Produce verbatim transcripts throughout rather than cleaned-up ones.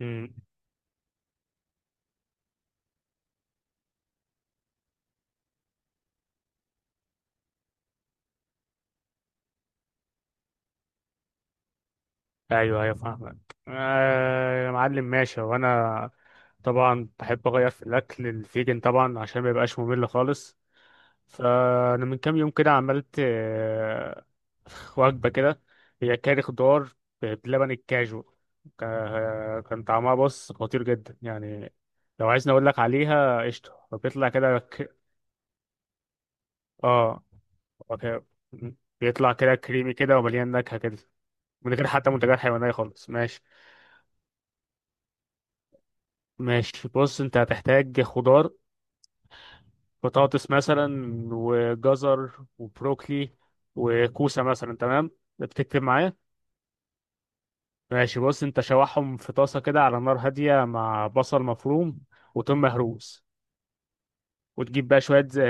امم ايوه، ايوه، فاهمك. آه يا معلم، ماشي. وانا طبعا بحب اغير في الاكل الفيجن طبعا عشان ما يبقاش ممل خالص. فانا من كام يوم كده عملت آه، وجبه كده، هي كاري خضار بلبن الكاجو. كا- كان طعمها، بص، خطير جدا يعني. لو عايزني اقول لك عليها، قشطه، بيطلع كده ك... اه. أوكي. بيطلع كده كريمي كده، ومليان نكهه كده، من غير حتى منتجات حيوانيه خالص. ماشي. ماشي، بص، انت هتحتاج خضار، بطاطس مثلا، وجزر، وبروكلي، وكوسة مثلا. تمام، بتكتب معايا؟ ماشي، بص، انت شوحهم في طاسة كده على نار هادية مع بصل مفروم وتوم مهروس. وتجيب بقى شوية ز-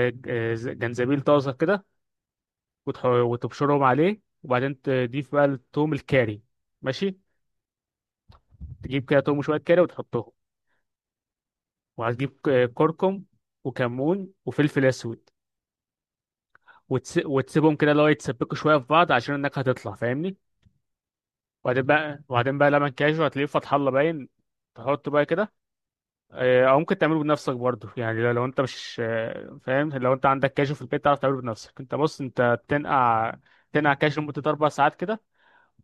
ز- جنزبيل طازة كده، وتح- وتبشرهم عليه. وبعدين تضيف بقى التوم الكاري، ماشي؟ تجيب كده توم وشوية كاري وتحطهم. وهتجيب ك- كركم وكمون وفلفل اسود، وتس... وتسيبهم كده، اللي هو يتسبكوا شويه في بعض عشان النكهه تطلع، فاهمني؟ وبعدين بقى، وبعدين بقى لما كاجو هتلاقيه فتح الله باين، تحطه بقى كده. آه، او ممكن تعمله بنفسك برضه يعني. لو لو انت مش آه، فاهم، لو انت عندك كاجو في البيت تعرف تعمله بنفسك. انت بص، انت تنقع، تنقع كاجو لمده اربع ساعات كده،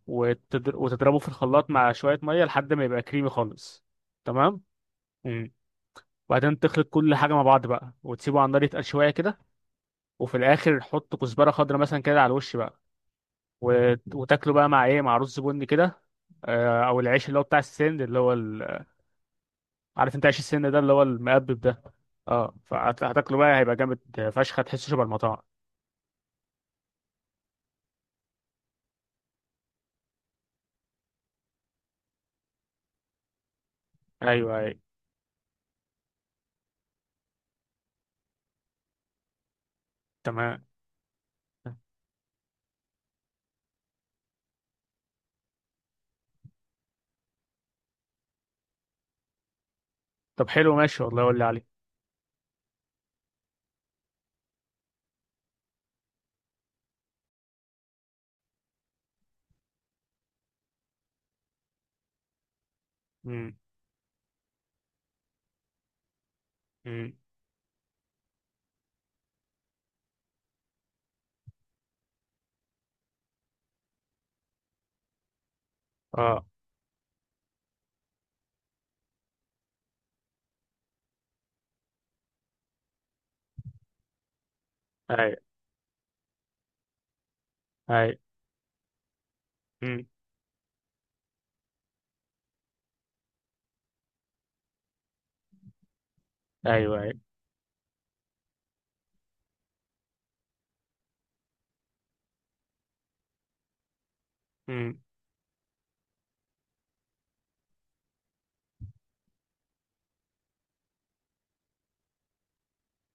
وتدر... وتضربه في الخلاط مع شويه ميه لحد ما يبقى كريمي خالص. تمام. مم. وبعدين تخلط كل حاجه مع بعض بقى، وتسيبه على النار يتقل شويه كده. وفي الاخر حط كزبره خضراء مثلا كده على الوش بقى. و- وتاكله بقى مع ايه؟ مع رز بني كده. آه، او العيش اللي هو بتاع السند، اللي هو ال... عارف انت عيش السند ده، اللي هو المقبب ده؟ اه. فهتاكله بقى، هيبقى جامد فشخ، هتحسه شبه المطاعم. ايوه، ايوه، تمام. طب حلو، ماشي والله، قول لي عليه. امم امم اه، ايوه، ايوه. امم ايوه، ايوه. امم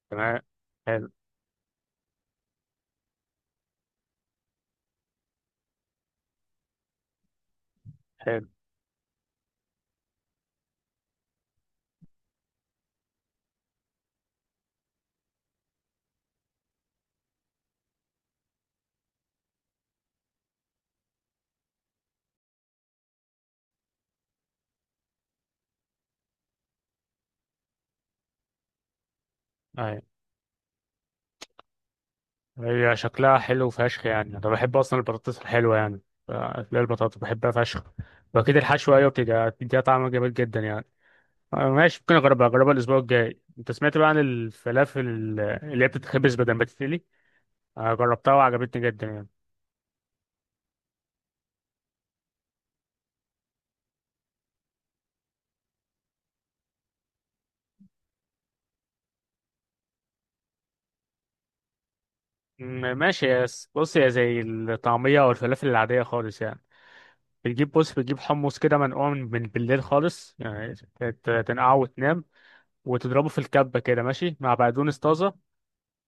تمام. حلو. حلو، ايوه. هي شكلها حلو فشخ يعني، انا بحب اصلا البطاطس الحلوه يعني، ف- اللي هي البطاطس بحبها فشخ. واكيد الحشوه، ايوه، بتديها بتديها طعم جميل جدا يعني. آه، ماشي، ممكن اجربها اجربها الاسبوع الجاي. انت سمعت بقى عن الفلافل اللي هي بتتخبز بدل ما تتقلي؟ آه، جربتها وعجبتني جدا يعني. م- ماشي، يا س- بص، هي زي الطعمية او الفلافل العادية خالص يعني. بتجيب، بص، بتجيب حمص كده منقوع من من بالليل خالص يعني. ت- تنقعه وتنام، وتضربه في الكبة كده، ماشي، مع بقدونس طازة،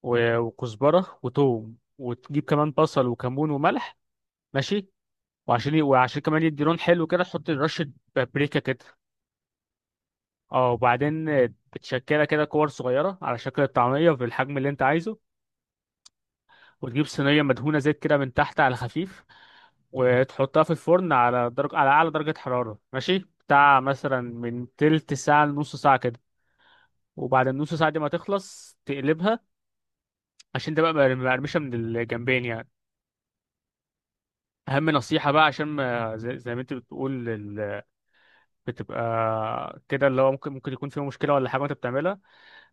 و- وكزبرة وتوم. وتجيب كمان بصل وكمون وملح، ماشي. وعشان ي- وعشان كمان يدي لون حلو كده، تحط رشة بابريكا كده. اه. وبعدين بتشكلها كده كور صغيرة على شكل الطعمية في الحجم اللي انت عايزه. وتجيب صينية مدهونة زيت كده من تحت على خفيف، وتحطها في الفرن على درجة، على أعلى درجة حرارة، ماشي، بتاع مثلا من تلت ساعة لنص ساعة كده. وبعد النص ساعة دي ما تخلص، تقلبها عشان تبقى مقر- مقرمشة من الجنبين يعني. أهم نصيحة بقى، عشان ما، زي, زي ما انت بتقول، ال- بتبقى كده، اللي هو ممكن ممكن يكون فيها مشكلة ولا حاجة وانت بتعملها،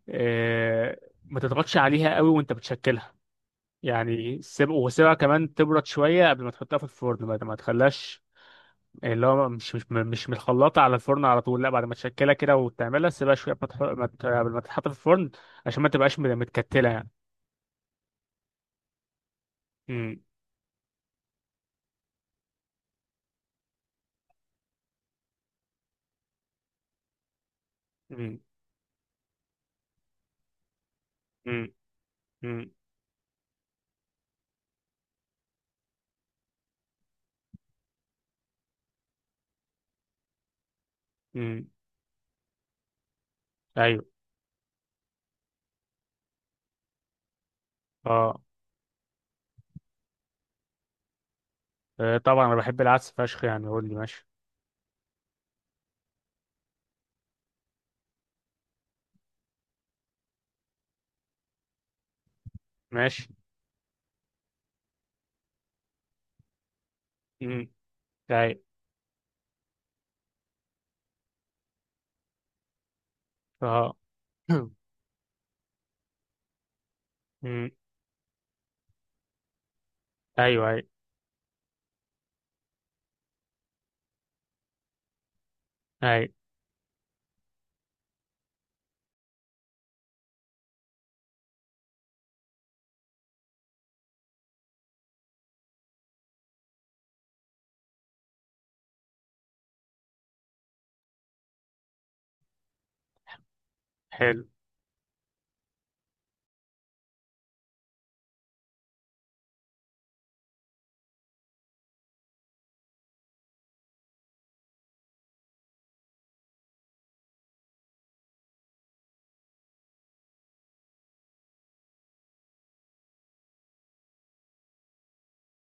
إيه، ما تضغطش عليها قوي وانت بتشكلها. يعني سيب وسيبها كمان تبرد شوية قبل ما تحطها في الفرن، بعد ما تخليهاش. اللي هو مش مش مش متخلطة على الفرن على طول، لا، بعد ما تشكلها كده وتعملها، سيبها شوية قبل ما تح- ما ت- قبل ما تتحط في الفرن، عشان ما تبقاش مت- متكتلة يعني. مم. مم. مم. مم. مم. أيوه. أه. آه، طبعا أنا بحب العدس فشخ يعني، قول لي، ماشي. ماشي. مم. أيوه. أه. مم. أيوه، أيوه، أيوه. حلو.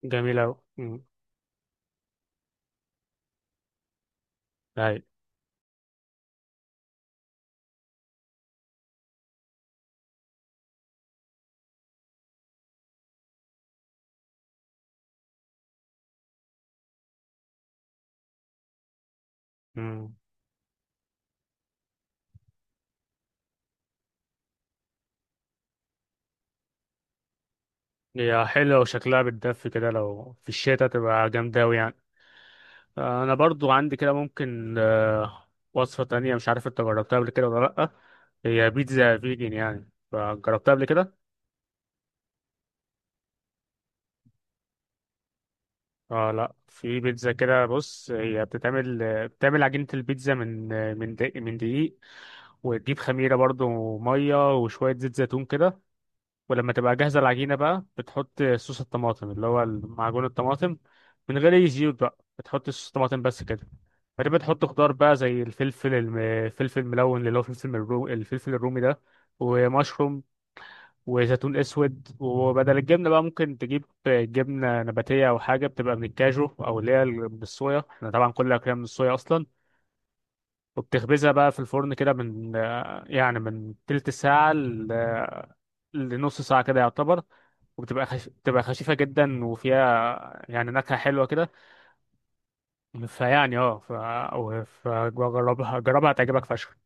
جميل أوي. مم. أيوه. مم. هي حلوة وشكلها بتدفي كده، لو في الشتاء تبقى جامدة أوي يعني. آه، أنا برضو عندي كده ممكن آه، وصفة تانية، مش عارف أنت جربتها قبل كده ولا لأ. هي بيتزا فيجن، يعني جربتها قبل كده؟ اه، لا، في بيتزا كده، بص، هي بتتعمل آه، بتعمل عجينة البيتزا من آه، من دقيق، من دقيق وتجيب خميرة برضو ومية وشوية زيت زيتون كده. ولما تبقى جاهزة العجينة بقى، بتحط صوص الطماطم، اللي هو معجون الطماطم، من غير أي زيوت بقى. بتحط صوص الطماطم بس كده. بعدين بتحط خضار بقى زي الفلفل الم- الفلفل الملون، اللي هو الفلفل الرو... الفلفل الرومي ده، ومشروم وزيتون اسود. وبدل الجبنه بقى، ممكن تجيب جبنه نباتيه او حاجه بتبقى من الكاجو، او اللي هي ال- بالصويا. احنا طبعا كل الاكلام من الصويا اصلا. وبتخبزها بقى في الفرن كده من، يعني من تلت ساعه ل- لنص ساعه كده يعتبر. وبتبقى خش... بتبقى خفيفة جدا، وفيها يعني نكهة حلوة كده. فيعني اه ف... أو- فجربها، جربها، هتعجبك فشخ.